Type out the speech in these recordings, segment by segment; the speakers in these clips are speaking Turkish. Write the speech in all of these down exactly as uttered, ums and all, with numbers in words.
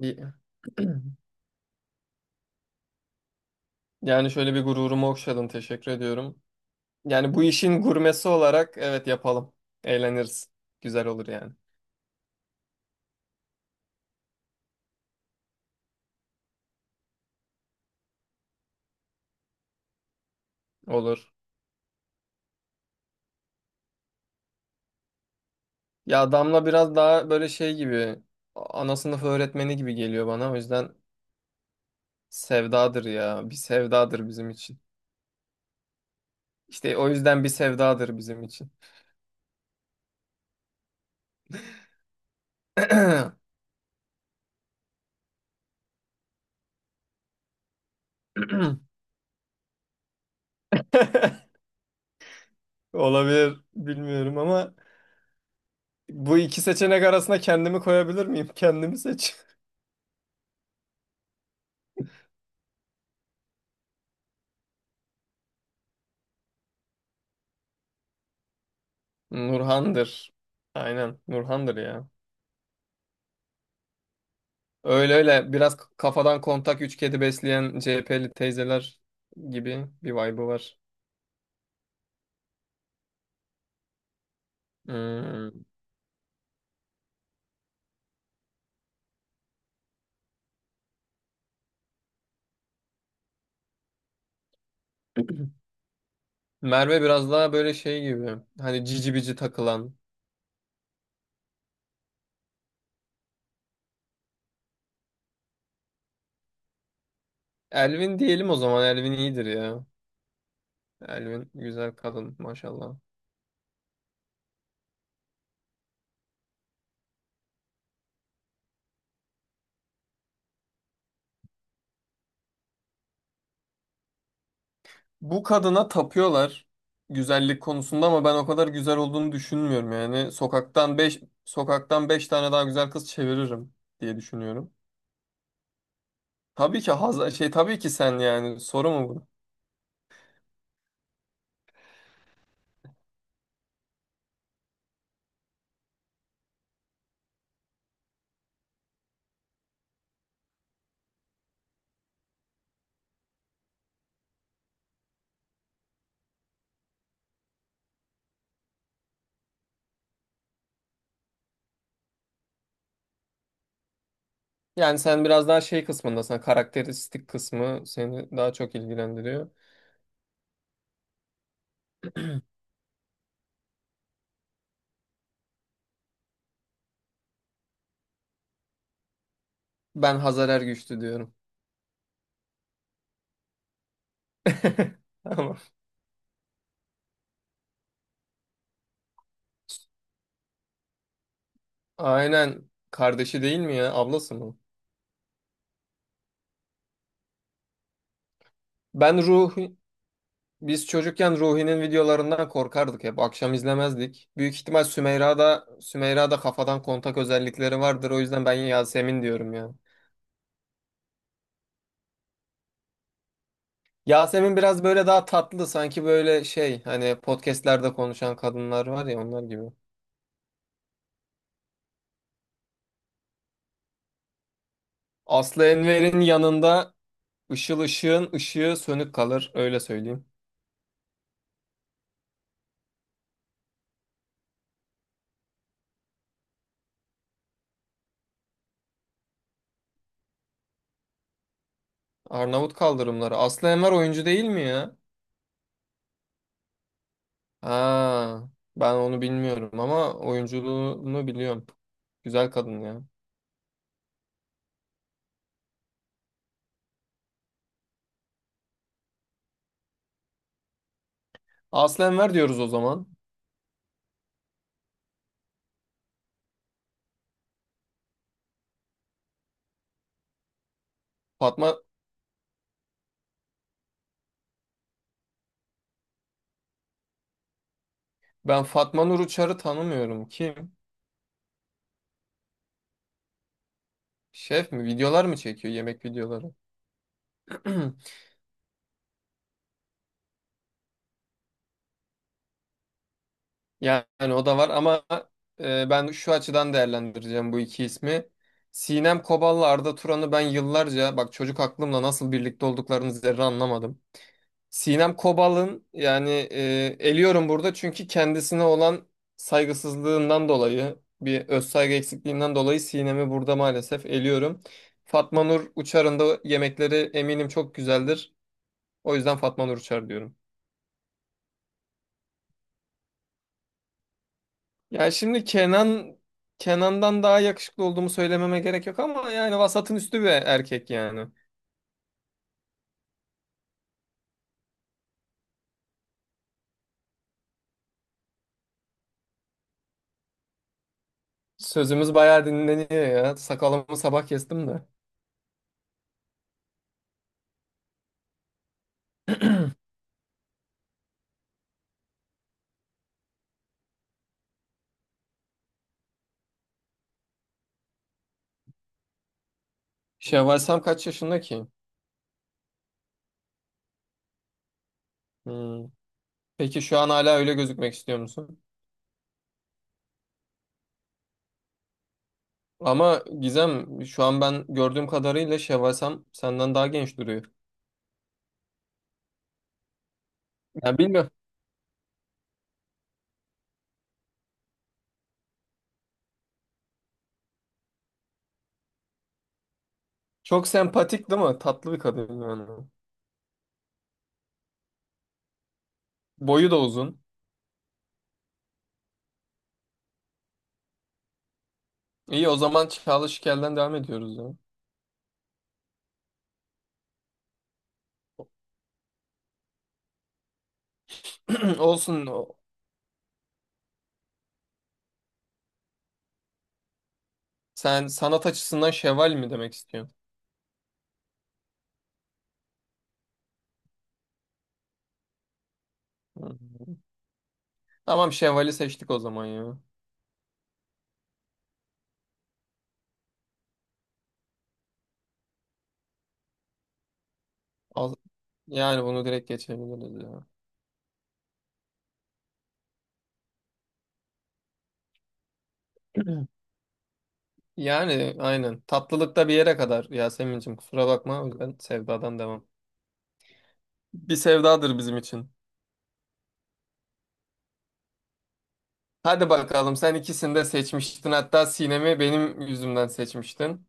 İyi. Yani şöyle bir gururumu okşadın. Teşekkür ediyorum. Yani bu işin gurmesi olarak evet yapalım. Eğleniriz. Güzel olur yani. Olur. Ya Damla biraz daha böyle şey gibi ana sınıf öğretmeni gibi geliyor bana. O yüzden sevdadır ya. Bir sevdadır bizim için. İşte o yüzden bir sevdadır bizim için. Olabilir. Bilmiyorum ama bu iki seçenek arasında kendimi koyabilir miyim? Kendimi seç. Nurhan'dır. Aynen Nurhan'dır ya. Öyle öyle biraz kafadan kontak üç kedi besleyen C H P'li teyzeler gibi bir vibe'ı var. Hmm. Merve biraz daha böyle şey gibi. Hani cici bici takılan. Elvin diyelim o zaman. Elvin iyidir ya. Elvin güzel kadın maşallah. Bu kadına tapıyorlar güzellik konusunda ama ben o kadar güzel olduğunu düşünmüyorum yani. Sokaktan beş sokaktan beş tane daha güzel kız çeviririm diye düşünüyorum. Tabii ki haz şey tabii ki sen yani soru mu bu? Yani sen biraz daha şey kısmındasın. Karakteristik kısmı seni daha çok ilgilendiriyor. Ben Hazar Ergüçlü diyorum. Ama aynen kardeşi değil mi ya? Ablası mı? Ben Ruhi biz çocukken Ruhi'nin videolarından korkardık hep. Akşam izlemezdik. Büyük ihtimal Sümeyra'da Sümeyra'da kafadan kontak özellikleri vardır. O yüzden ben Yasemin diyorum ya. Yasemin biraz böyle daha tatlı sanki böyle şey hani podcastlerde konuşan kadınlar var ya onlar gibi. Aslı Enver'in yanında ışıl ışığın ışığı sönük kalır öyle söyleyeyim. Arnavut kaldırımları. Aslı Enver oyuncu değil mi ya? Ha, ben onu bilmiyorum ama oyunculuğunu biliyorum. Güzel kadın ya. Aslı Enver diyoruz o zaman. Fatma ben Fatma Nur Uçar'ı tanımıyorum. Kim? Şef mi? Videolar mı çekiyor? Yemek videoları. Yani o da var ama e, ben şu açıdan değerlendireceğim bu iki ismi. Sinem Kobal'la Arda Turan'ı ben yıllarca bak çocuk aklımla nasıl birlikte olduklarını zerre anlamadım. Sinem Kobal'ın yani e, eliyorum burada çünkü kendisine olan saygısızlığından dolayı bir özsaygı eksikliğinden dolayı Sinem'i burada maalesef eliyorum. Fatma Nur Uçar'ın da yemekleri eminim çok güzeldir. O yüzden Fatma Nur Uçar diyorum. Ya şimdi Kenan Kenan'dan daha yakışıklı olduğumu söylememe gerek yok ama yani vasatın üstü bir erkek yani. Sözümüz bayağı dinleniyor ya. Sakalımı sabah kestim de. Şevval Sam kaç yaşında ki? Hmm. Peki şu an hala öyle gözükmek istiyor musun? Ama Gizem şu an ben gördüğüm kadarıyla Şevval Sam senden daha genç duruyor. Yani bilmiyorum. Çok sempatik değil mi? Tatlı bir kadın yani. Boyu da uzun. İyi o zaman Çağla Şikel'den devam ediyoruz ya. Olsun. Sen sanat açısından şeval mi demek istiyorsun? Hı. Tamam şevali seçtik o zaman ya. Al- Yani bunu direkt geçebiliriz ya. Yani aynen. Tatlılıkta bir yere kadar Yasemin'cim kusura bakma. O yüzden sevdadan devam. Bir sevdadır bizim için. Hadi bakalım sen ikisini de seçmiştin. Hatta Sinem'i benim yüzümden seçmiştin.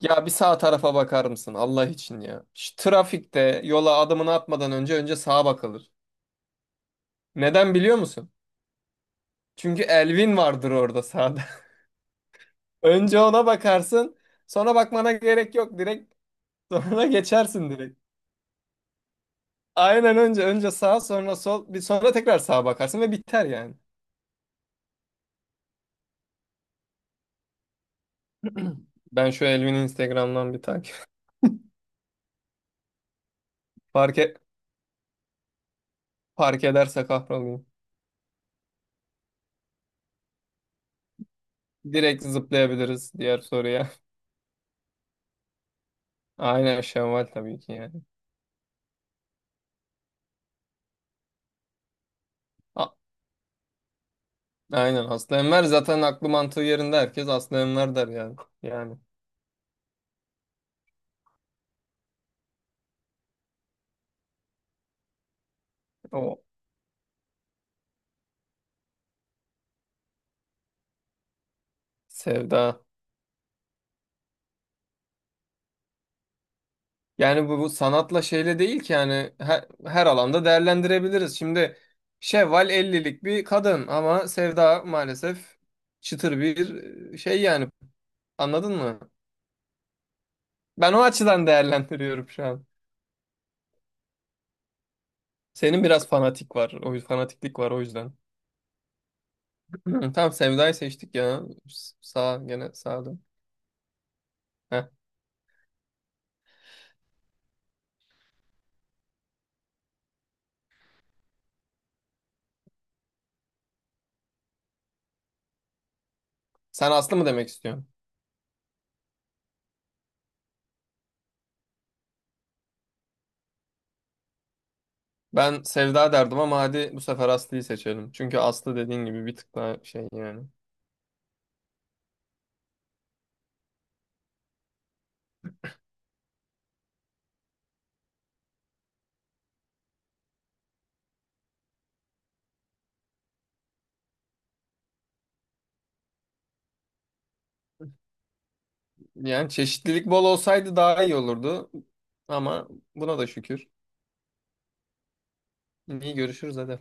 Ya bir sağ tarafa bakar mısın Allah için ya. Şu trafikte yola adımını atmadan önce önce sağa bakılır. Neden biliyor musun? Çünkü Elvin vardır orada sağda. Önce ona bakarsın. Sonra bakmana gerek yok. Direkt sonra geçersin direkt. Aynen önce önce sağ sonra sol bir sonra tekrar sağa bakarsın ve biter yani. Ben şu Elvin'i Instagram'dan bir takip. Fark, e- fark ederse kahrolayım. Direkt zıplayabiliriz diğer soruya. Aynen Şevval tabii ki yani. A- Aynen Aslı Enver zaten aklı mantığı yerinde herkes Aslı Enver der yani. Yani o sevda. Yani bu, bu sanatla şeyle değil ki yani her, her alanda değerlendirebiliriz. Şimdi Şevval ellilik bir kadın ama Sevda maalesef çıtır bir e, şey yani anladın mı? Ben o açıdan değerlendiriyorum şu an. Senin biraz fanatik var. O yüz- fanatiklik var o yüzden. Tamam Sevda'yı seçtik ya. S- Sağ gene sağda. Heh. Sen Aslı mı demek istiyorsun? Ben Sevda derdim ama hadi bu sefer Aslı'yı seçelim. Çünkü Aslı dediğin gibi bir tık daha şey yani. Yani çeşitlilik bol olsaydı daha iyi olurdu. Ama buna da şükür. İyi görüşürüz hadi.